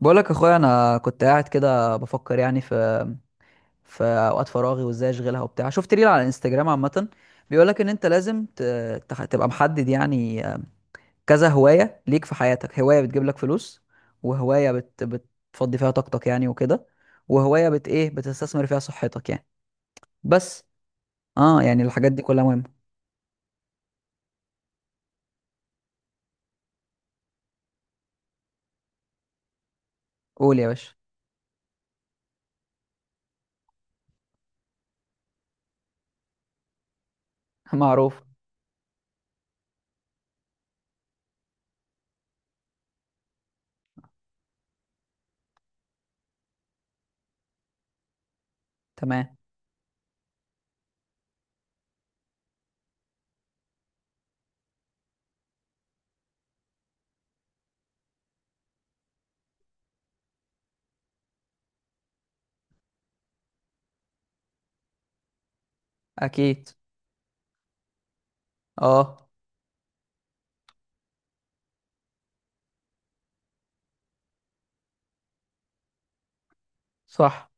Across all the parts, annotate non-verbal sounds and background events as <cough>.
بقولك يا اخويا انا كنت قاعد كده بفكر يعني في اوقات فراغي وازاي اشغلها وبتاع. شفت ريل على الانستجرام عامه بيقولك ان انت لازم تبقى محدد يعني، كذا هوايه ليك في حياتك. هوايه بتجيب لك فلوس، وهوايه بتفضي فيها طاقتك يعني وكده، وهوايه بت ايه بتستثمر فيها صحتك يعني. بس اه يعني الحاجات دي كلها مهمه. قول يا باشا. <laughs> معروف. تمام. اكيد. اه. صح.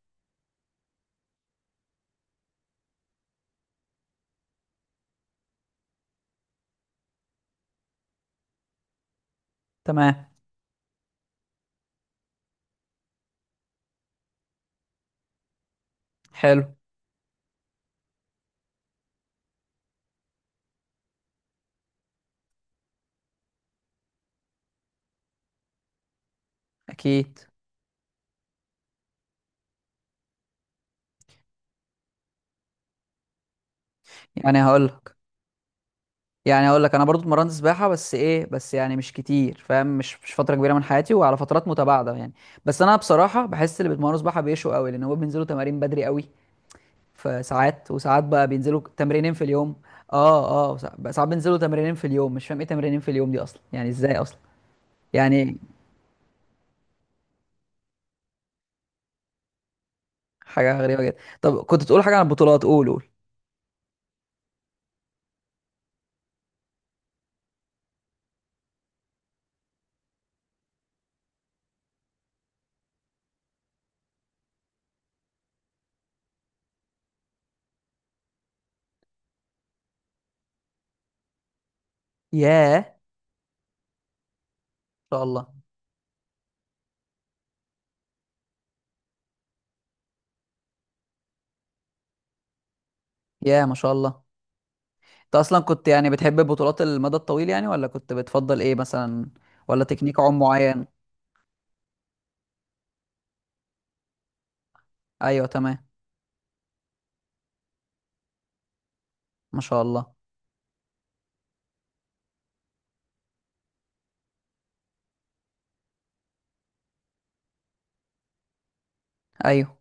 تمام. حلو. اكيد. يعني هقول يعني اقول لك انا برضو اتمرنت سباحه، بس يعني مش كتير، فاهم؟ مش فتره كبيره من حياتي، وعلى فترات متباعده يعني. بس انا بصراحه بحس اللي بيتمرنوا سباحه بيشوا قوي، لان هو بينزلوا تمارين بدري قوي. في ساعات وساعات بقى بينزلوا تمرينين في اليوم. اه ساعات بينزلوا تمرينين في اليوم، مش فاهم ايه تمرينين في اليوم دي اصلا يعني، ازاي اصلا. يعني حاجه غريبه جدا. طب كنت تقول حاجه عن البطولات، قول قول. ياه ما شاء الله. ياه ما شاء الله. انت اصلا كنت يعني بتحب البطولات المدى الطويل يعني، ولا كنت بتفضل ايه مثلا، ولا تكنيك عوم معين؟ ايوه تمام. ما شاء الله. ايوه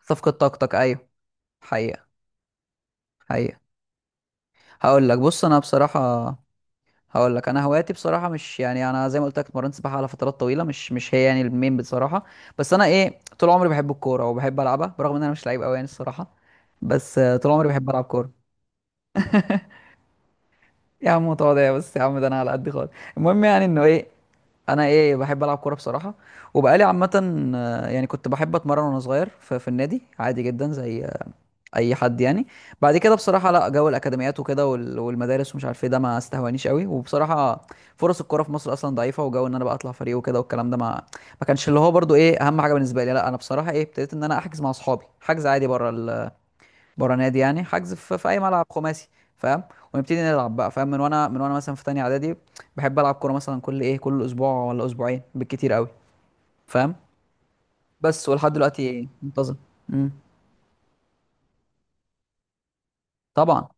صفقة طاقتك، ايوه. حقيقة. حقيقة. هقول لك، بص انا بصراحة هقول لك انا هواياتي بصراحة مش يعني، انا زي ما قلت لك اتمرنت سباحة على فترات طويلة، مش هي يعني المين بصراحة. بس انا ايه، طول عمري بحب الكورة وبحب العبها، برغم ان انا مش لعيب قوي يعني الصراحة. بس طول عمري بحب العب كورة. يا عم متواضع، بس يا عم ده انا على قد خالص. المهم يعني انه ايه، انا ايه بحب العب كوره بصراحه. وبقالي عامه يعني كنت بحب اتمرن وانا صغير في النادي، عادي جدا زي اي حد يعني. بعد كده بصراحه لا، جو الاكاديميات وكده والمدارس ومش عارف ايه، ده ما استهوانيش قوي، وبصراحه فرص الكوره في مصر اصلا ضعيفه، وجو ان انا بقى اطلع فريق وكده والكلام ده ما كانش اللي هو برضو ايه اهم حاجه بالنسبه لي. لا انا بصراحه ايه ابتديت ان انا احجز مع اصحابي حجز عادي بره نادي يعني، حجز في اي ملعب خماسي، فاهم؟ ونبتدي نلعب بقى، فاهم؟ من وانا مثلا في تانية اعدادي بحب العب كوره مثلا كل ايه، كل اسبوع ولا اسبوعين بالكتير قوي، فاهم؟ بس ولحد دلوقتي منتظم. امم. طبعا.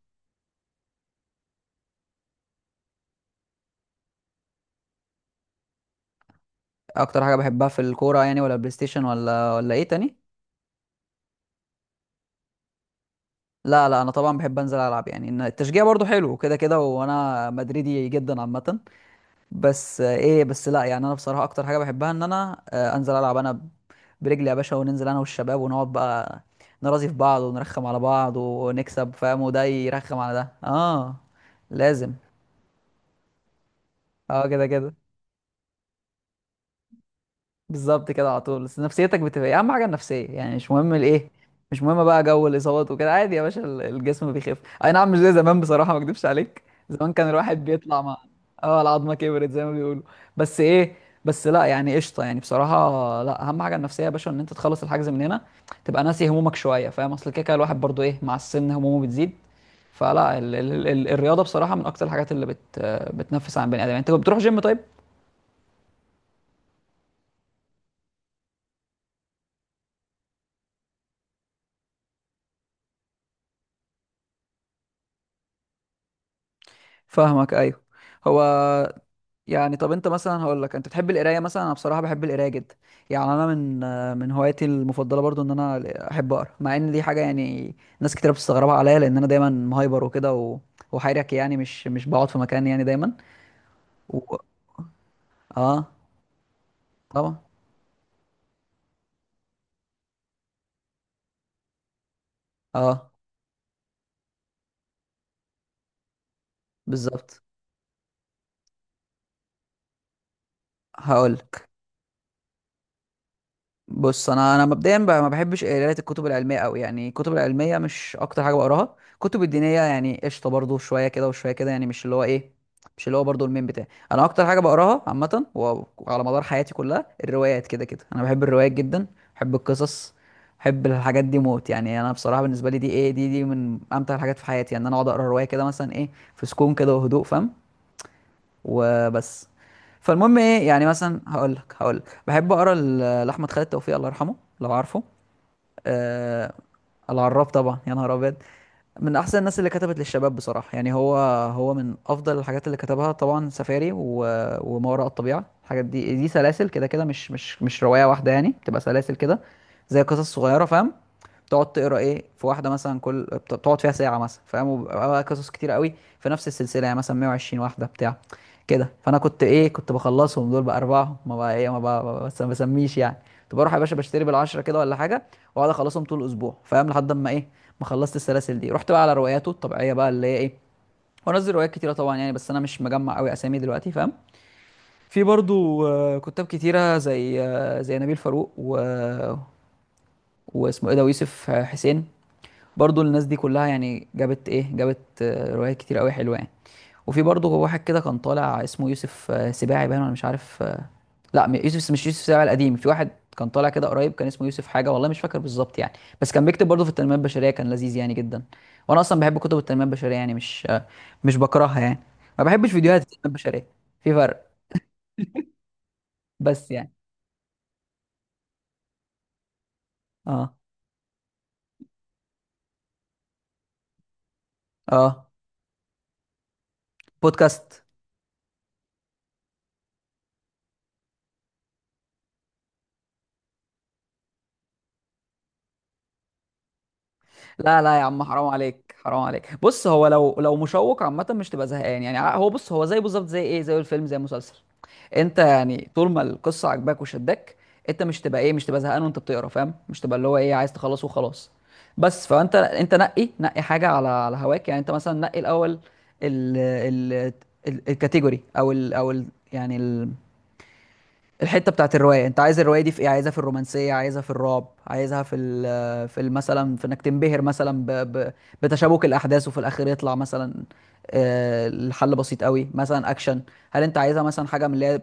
اكتر حاجه بحبها في الكوره يعني، ولا البلاي ستيشن، ولا ايه تاني؟ لا لا انا طبعا بحب انزل العب يعني، إن التشجيع برضو حلو كده كده، وانا مدريدي جدا عامه. بس ايه، بس لا يعني انا بصراحه اكتر حاجه بحبها ان انا، انزل العب انا برجلي يا باشا، وننزل انا والشباب ونقعد بقى نرازي في بعض، ونرخم على بعض ونكسب، فاهم؟ وده يرخم على ده. اه لازم. اه كده كده. بالظبط كده على طول. بس نفسيتك بتبقى ايه اهم حاجه، النفسيه يعني، مش مهم الايه، مش مهم بقى جو الاصابات وكده، عادي يا باشا الجسم بيخف. اي نعم، مش زي زمان بصراحه، ما اكدبش عليك، زمان كان الواحد بيطلع مع. اه، العظمه كبرت زي ما بيقولوا. بس ايه، لا يعني قشطه يعني بصراحه. لا، اهم حاجه النفسيه يا باشا، ان انت تخلص الحجز من هنا تبقى ناسي همومك شويه، فاهم؟ اصل كده كده الواحد برضو ايه، مع السن همومه بتزيد. فلا الرياضه بصراحه من اكتر الحاجات اللي بتنفس عن بني ادم يعني. انت بتروح جيم؟ طيب. فاهمك، ايوه. هو يعني، طب انت مثلا هقول لك، انت بتحب القرايه مثلا؟ انا بصراحه بحب القرايه جدا يعني. انا من من هواياتي المفضله برضو ان انا احب اقرا، مع ان دي حاجه يعني ناس كتير بتستغربها عليا، لان انا دايما مهايبر وكده، و... وحيرك يعني، مش بقعد في مكان يعني، دايما. و... اه. طبعا. اه بالظبط. هقول، بص انا مبدئيا ما بحبش قرايه الكتب العلميه قوي يعني، الكتب العلميه مش اكتر حاجه بقراها. الكتب الدينيه يعني قشطه برضو شويه كده وشويه كده يعني، مش اللي هو برضو المين بتاعي. انا اكتر حاجه بقراها عامه، وعلى مدار حياتي كلها، الروايات كده كده. انا بحب الروايات جدا، بحب القصص، بحب الحاجات دي موت يعني. انا بصراحه بالنسبه لي دي ايه، دي دي من امتع الحاجات في حياتي يعني، ان يعني انا اقعد اقرا روايه كده مثلا ايه، في سكون كده وهدوء، فاهم؟ وبس. فالمهم ايه، يعني مثلا هقول لك بحب اقرا لاحمد خالد توفيق، الله يرحمه، لو عارفه. آه العراب، طبعا، يا نهار ابيض. من احسن الناس اللي كتبت للشباب بصراحه يعني. هو هو من افضل الحاجات اللي كتبها طبعا سفاري، و... وما وراء الطبيعه، الحاجات دي دي سلاسل كده كده، مش روايه واحده يعني، بتبقى سلاسل كده زي قصص صغيره، فاهم؟ تقعد تقرا ايه في واحده مثلا، كل تقعد فيها ساعه مثلا، فاهم؟ وبيبقى بقى قصص كتير قوي في نفس السلسله، يعني مثلا 120 واحده بتاع كده. فانا كنت ايه، كنت بخلصهم دول باربعه، ما بقى ايه، ما بقى، ما ما بسميش يعني، كنت بروح يا باشا بشتري بالعشره كده ولا حاجه، واقعد اخلصهم طول الاسبوع، فاهم؟ لحد اما ايه ما خلصت السلاسل دي، رحت بقى على رواياته الطبيعيه بقى، اللي هي ايه، وانزل روايات كتيره طبعا يعني. بس انا مش مجمع قوي اسامي دلوقتي، فاهم؟ في برضو كتاب كتيره زي، زي نبيل فاروق، و... واسمه ايه ده، ويوسف حسين، برضو الناس دي كلها يعني جابت روايات كتير قوي حلوه يعني. وفي برضه واحد كده كان طالع، اسمه يوسف سباعي باين، ولا مش عارف، لا، يوسف مش يوسف سباعي القديم، في واحد كان طالع كده قريب، كان اسمه يوسف حاجه والله مش فاكر بالظبط يعني. بس كان بيكتب برضه في التنميه البشريه، كان لذيذ يعني جدا. وانا اصلا بحب كتب التنميه البشريه يعني، مش بكرهها يعني. ما بحبش فيديوهات التنميه البشريه، في فرق. بس يعني. اه اه بودكاست. لا لا يا عم، حرام عليك حرام عليك، بص، هو لو مشوق عامة مش تبقى زهقان يعني، هو بص، هو زي بالظبط زي ايه، زي الفيلم زي المسلسل، انت يعني طول ما القصة عجباك وشدك انت مش تبقى ايه، مش تبقى زهقان وانت بتقرا، فاهم؟ مش تبقى اللي هو ايه عايز تخلص وخلاص. بس فانت، انت نقي نقي حاجة على هواك يعني، انت مثلا نقي الاول ال ال الكاتيجوري او ال او ال يعني الحته بتاعت الروايه، انت عايز الروايه دي في ايه، عايزها في الرومانسيه، عايزها في الرعب، عايزها مثلا في انك تنبهر مثلا ب ب بتشابك الاحداث وفي الاخر يطلع مثلا الحل بسيط قوي، مثلا اكشن. هل انت عايزها مثلا حاجه من اللي هي،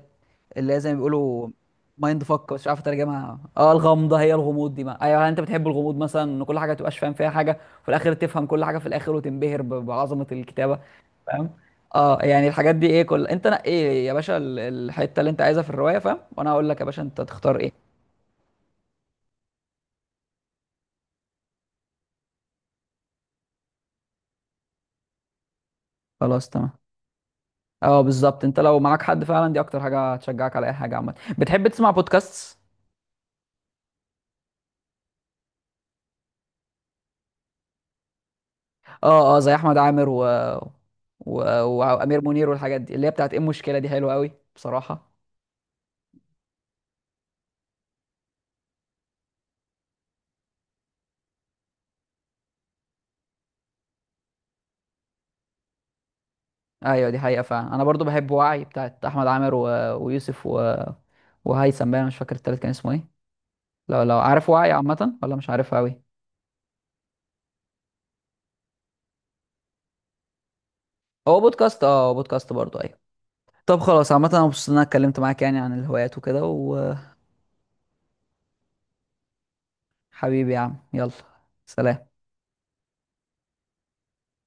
اللي هي زي ما بيقولوا مايند فك، مش عارف اترجمها، اه الغمضه، هي الغموض دي ما، ايوه. هل انت بتحب الغموض مثلا، ان كل حاجه ما تبقاش فاهم فيها حاجه، وفي الاخر تفهم كل حاجه في الاخر، وتنبهر بعظمه الكتابه. اه يعني الحاجات دي ايه، كل انت نقي ايه يا باشا الحته اللي انت عايزها في الروايه، فاهم؟ وانا هقول لك يا باشا انت تختار ايه. خلاص تمام. اه بالظبط، انت لو معاك حد فعلا دي اكتر حاجه هتشجعك على اي حاجه عامه. بتحب تسمع بودكاست؟ اه زي احمد عامر، و... و... وامير منير، والحاجات دي اللي هي بتاعت ايه، المشكله دي حلوه قوي بصراحه. ايوه دي حقيقه فعلا، انا برضو بحب وعي بتاعت احمد عامر، و... ويوسف، و... وهيثم بقى، انا مش فاكر التالت كان اسمه ايه. لو لو عارف وعي عامه، ولا مش عارفها قوي. هو بودكاست، اه هو بودكاست برضو. أيوة. طب خلاص عامة انا مبسوط ان انا اتكلمت معاك يعني عن الهوايات وكده. وحبيبي يا عم، يلا. سلام.